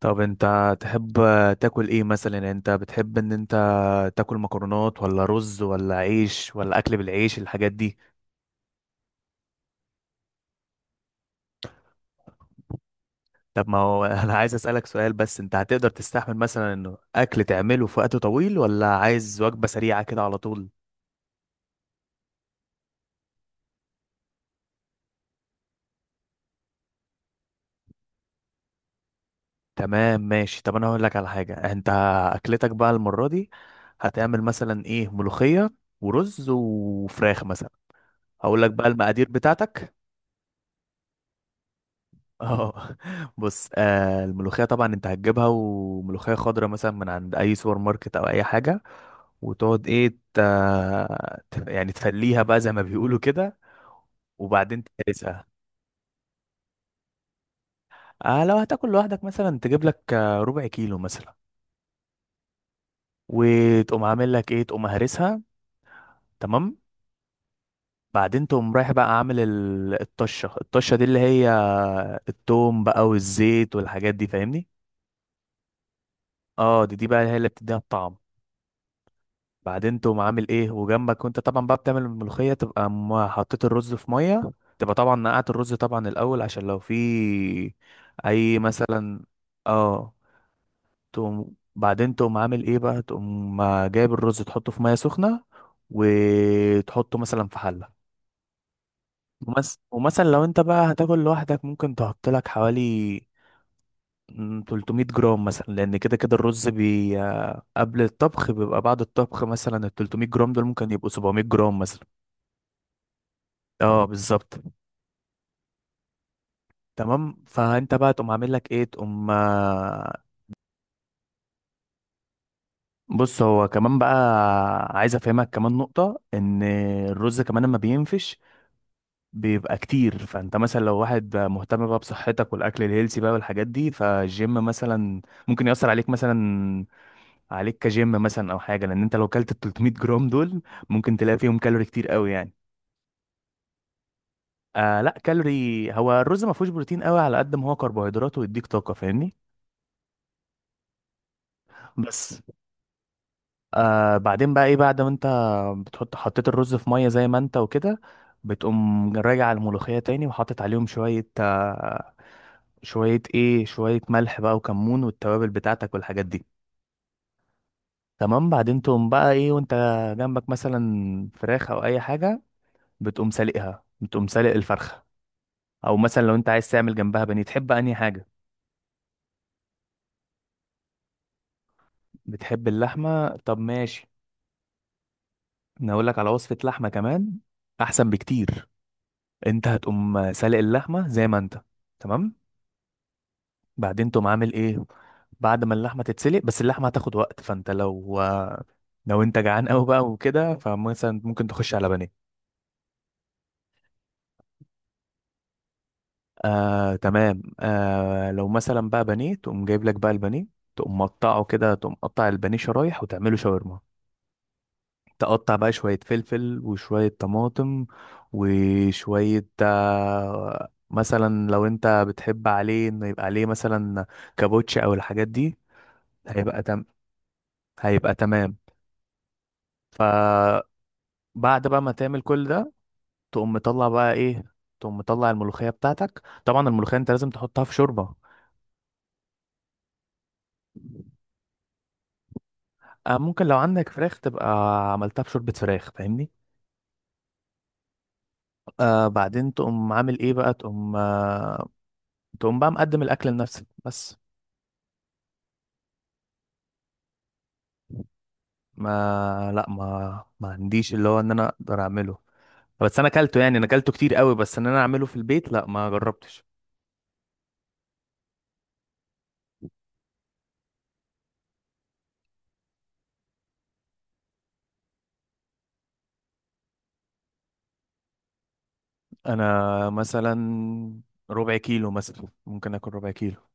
طب انت تحب تاكل ايه مثلا؟ يعني انت بتحب ان انت تاكل مكرونات ولا رز ولا عيش ولا اكل بالعيش الحاجات دي؟ طب ما هو انا عايز اسالك سؤال، بس انت هتقدر تستحمل مثلا انه اكل تعمله في وقت طويل، ولا عايز وجبة سريعة كده على طول؟ تمام ماشي، طب انا هقول لك على حاجة. انت اكلتك بقى المرة دي هتعمل مثلا ايه؟ ملوخية ورز وفراخ مثلا. هقول لك بقى المقادير بتاعتك. اه بص، الملوخية طبعا انت هتجيبها، وملوخية خضراء مثلا من عند اي سوبر ماركت او اي حاجة، وتقعد ايه، ت- يعني تفليها بقى زي ما بيقولوا كده، وبعدين تهرسها. لو هتاكل لوحدك مثلا تجيب لك ربع كيلو مثلا، وتقوم عامل لك ايه، تقوم هرسها. تمام. بعدين تقوم رايح بقى عامل الطشة، الطشة دي اللي هي التوم بقى والزيت والحاجات دي، فاهمني؟ اه، دي بقى هي اللي بتديها الطعم. بعدين تقوم عامل ايه وجنبك، وانت طبعا بقى بتعمل الملوخية تبقى حطيت الرز في مية، تبقى طبعا نقعت الرز طبعا الأول عشان لو في أي مثلا، اه، تقوم بعدين تقوم عامل ايه بقى، تقوم جايب الرز تحطه في مية سخنة، وتحطه مثلا في حلة. ومثلا لو انت بقى هتاكل لوحدك ممكن تحط لك حوالي 300 جرام مثلا، لان كده كده الرز بي... آه، قبل الطبخ بيبقى بعد الطبخ مثلا ال 300 جرام دول ممكن يبقوا 700 جرام مثلا. اه بالظبط. تمام، فانت بقى تقوم عامل لك ايه، تقوم بص، هو كمان بقى عايز افهمك كمان نقطة، ان الرز كمان لما بينفش بيبقى كتير، فانت مثلا لو واحد مهتم بقى بصحتك والاكل الهيلسي بقى والحاجات دي فالجيم مثلا، ممكن يأثر عليك مثلا، عليك كجيم مثلا او حاجة، لان انت لو كلت ال 300 جرام دول ممكن تلاقي فيهم كالوري كتير قوي يعني. لا، كالوري. هو الرز ما فيهوش بروتين قوي على قد ما هو كربوهيدرات ويديك طاقة، فاهمني؟ بس. بعدين بقى ايه، بعد ما انت حطيت الرز في ميه زي ما انت وكده، بتقوم راجع الملوخيه تاني وحاطط عليهم شويه آه شويه ايه شويه ملح بقى وكمون والتوابل بتاعتك والحاجات دي. تمام. بعدين تقوم بقى ايه، وانت جنبك مثلا فراخ او اي حاجه، بتقوم سالقها، بتقوم سالق الفرخه، او مثلا لو انت عايز تعمل جنبها بانيه، تحب انهي حاجه؟ بتحب اللحمه؟ طب ماشي، انا اقول لك على وصفه لحمه كمان، احسن بكتير. انت هتقوم سالق اللحمه زي ما انت. تمام. بعدين تقوم عامل ايه، بعد ما اللحمه تتسلق، بس اللحمه هتاخد وقت، فانت لو لو انت جعان قوي بقى وكده فمثلا ممكن تخش على بانيه. تمام. لو مثلا بقى بانيه، تقوم جايب لك بقى البانيه، تقوم مقطعه كده، تقوم قطع البانيه شرايح، وتعمله شاورما. تقطع بقى شوية فلفل وشوية طماطم وشوية مثلا لو انت بتحب عليه انه يبقى عليه مثلا كابوتش او الحاجات دي، هيبقى هيبقى تمام. ف بعد بقى ما تعمل كل ده، تقوم مطلع بقى ايه، تقوم مطلع الملوخية بتاعتك. طبعا الملوخية انت لازم تحطها في شوربة. ممكن لو عندك فراخ تبقى عملتها في شوربة فراخ، فاهمني؟ بعدين تقوم عامل ايه بقى، تقوم تقوم بقى مقدم الاكل لنفسك بس. ما لا ما ما عنديش اللي هو ان انا اقدر اعمله، بس انا اكلته يعني، انا اكلته كتير قوي، بس ان انا اعمله في البيت لا ما جربتش. انا مثلا ربع كيلو مثلا ممكن اكل ربع كيلو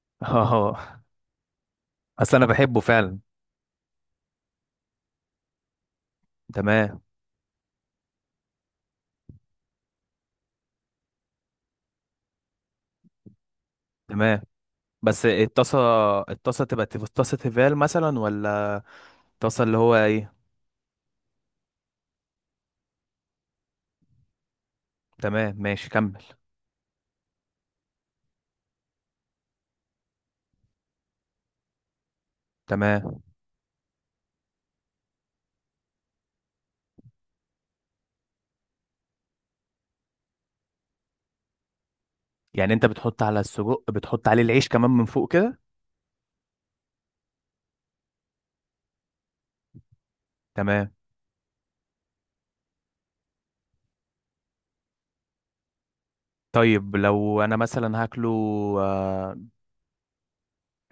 اه اصل انا بحبه فعلا. تمام. تمام. بس الطاسة، الطاسة تبقى طاسة تيفال مثلا ولا طاسة اللي هو ايه؟ تمام ماشي، كمل. تمام، يعني انت بتحط على السجق، بتحط عليه العيش كمان من فوق كده؟ تمام. طيب لو انا مثلا هاكله آه،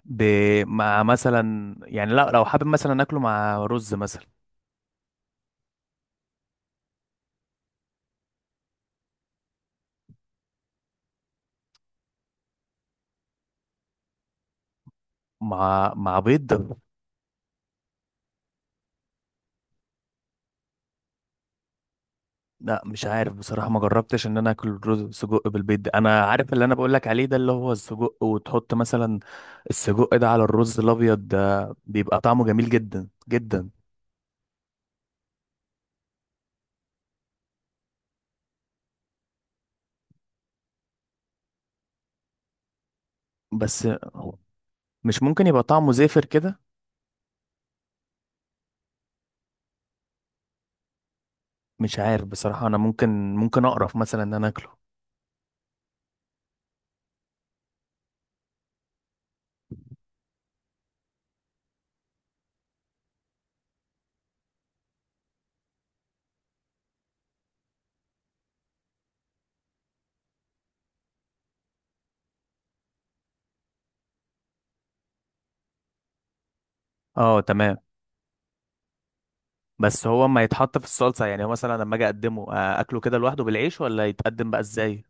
ب... مع مثلا، يعني لا لو حابب مثلا اكله مع رز مثلا. مع بيض؟ لا مش عارف بصراحة، ما جربتش ان انا اكل رز سجق بالبيض ده. انا عارف اللي انا بقول لك عليه ده اللي هو السجق، وتحط مثلا السجق ده على الرز الابيض، ده بيبقى طعمه جميل جدا جدا. بس مش ممكن يبقى طعمه زافر كده؟ مش عارف بصراحة، انا ممكن اقرف مثلا ان انا اكله. اه تمام. بس هو ما يتحط في الصلصة، يعني هو مثلا لما اجي اقدمه اكله كده لوحده بالعيش، ولا يتقدم بقى ازاي؟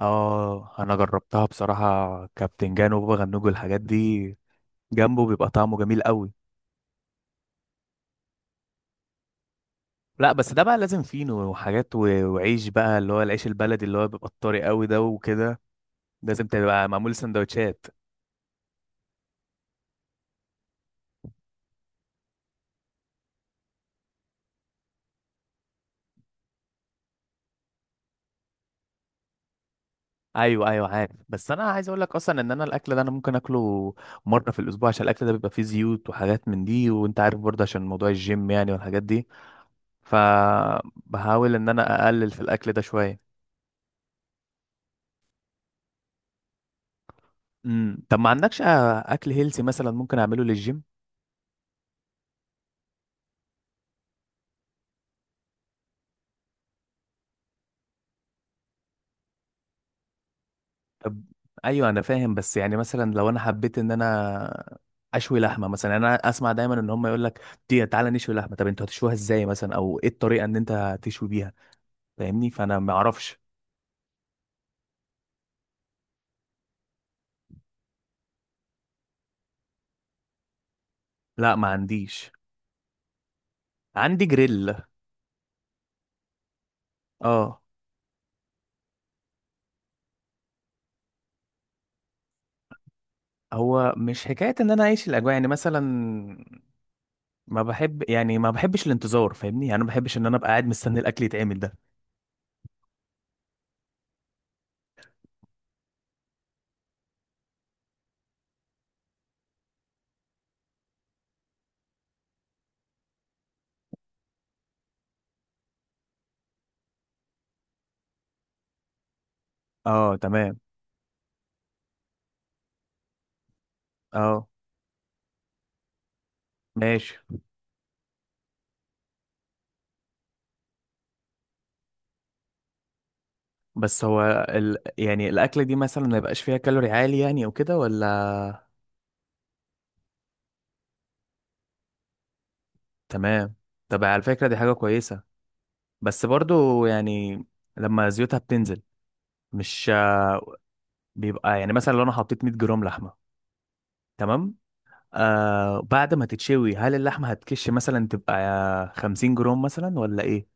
اه انا جربتها بصراحة، كابتن جان وبابا غنوج والحاجات دي جنبه، بيبقى طعمه جميل قوي. لا بس ده بقى لازم فينو وحاجات وعيش بقى اللي هو العيش البلدي اللي هو بيبقى الطري قوي ده وكده، لازم تبقى معمول سندوتشات. ايوه ايوه عارف، بس انا عايز اقول لك اصلا ان انا الاكل ده انا ممكن اكله مره في الاسبوع، عشان الاكل ده بيبقى فيه زيوت وحاجات من دي، وانت عارف برضه عشان موضوع الجيم يعني والحاجات دي، فبحاول ان انا اقلل في الاكل ده شويه. طب ما عندكش اكل هيلسي مثلا ممكن اعمله للجيم؟ طب ايوه انا فاهم، بس يعني مثلا لو انا حبيت ان انا اشوي لحمه مثلا، يعني انا اسمع دايما ان هم يقول لك دي، تعالى نشوي لحمه، طب انتوا هتشويها ازاي مثلا، او ايه الطريقه ان انت هتشوي بيها، فاهمني؟ فانا ما اعرفش. لا ما عنديش. عندي جريل. اه. هو مش حكايه ان انا اعيش الاجواء، يعني مثلا ما بحب، يعني ما بحبش الانتظار، فاهمني؟ يعني انا ما بحبش ان انا ابقى قاعد مستني الاكل يتعمل ده. اه تمام. اه ماشي. بس هو يعني الأكلة دي مثلا ما يبقاش فيها كالوري عالي يعني، أو كده ولا؟ تمام. طب على فكرة دي حاجة كويسة، بس برضو يعني لما زيوتها بتنزل، مش بيبقى يعني، مثلا لو أنا حطيت 100 جرام لحمة. تمام. آه بعد ما تتشوي، هل اللحمة هتكش مثلا تبقى 50 جرام مثلا ولا إيه؟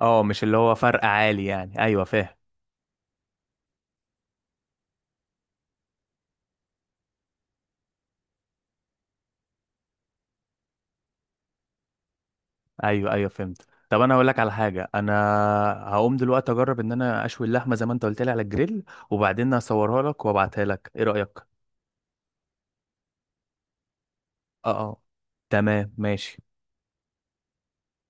اه مش اللي هو فرق عالي يعني، أيوة فاهم. ايوه ايوه فهمت. طب انا اقول لك على حاجه، انا هقوم دلوقتي اجرب ان انا اشوي اللحمه زي ما انت قلت لي على الجريل، وبعدين اصورها لك وابعتها لك، ايه رايك؟ اه اه. تمام ماشي.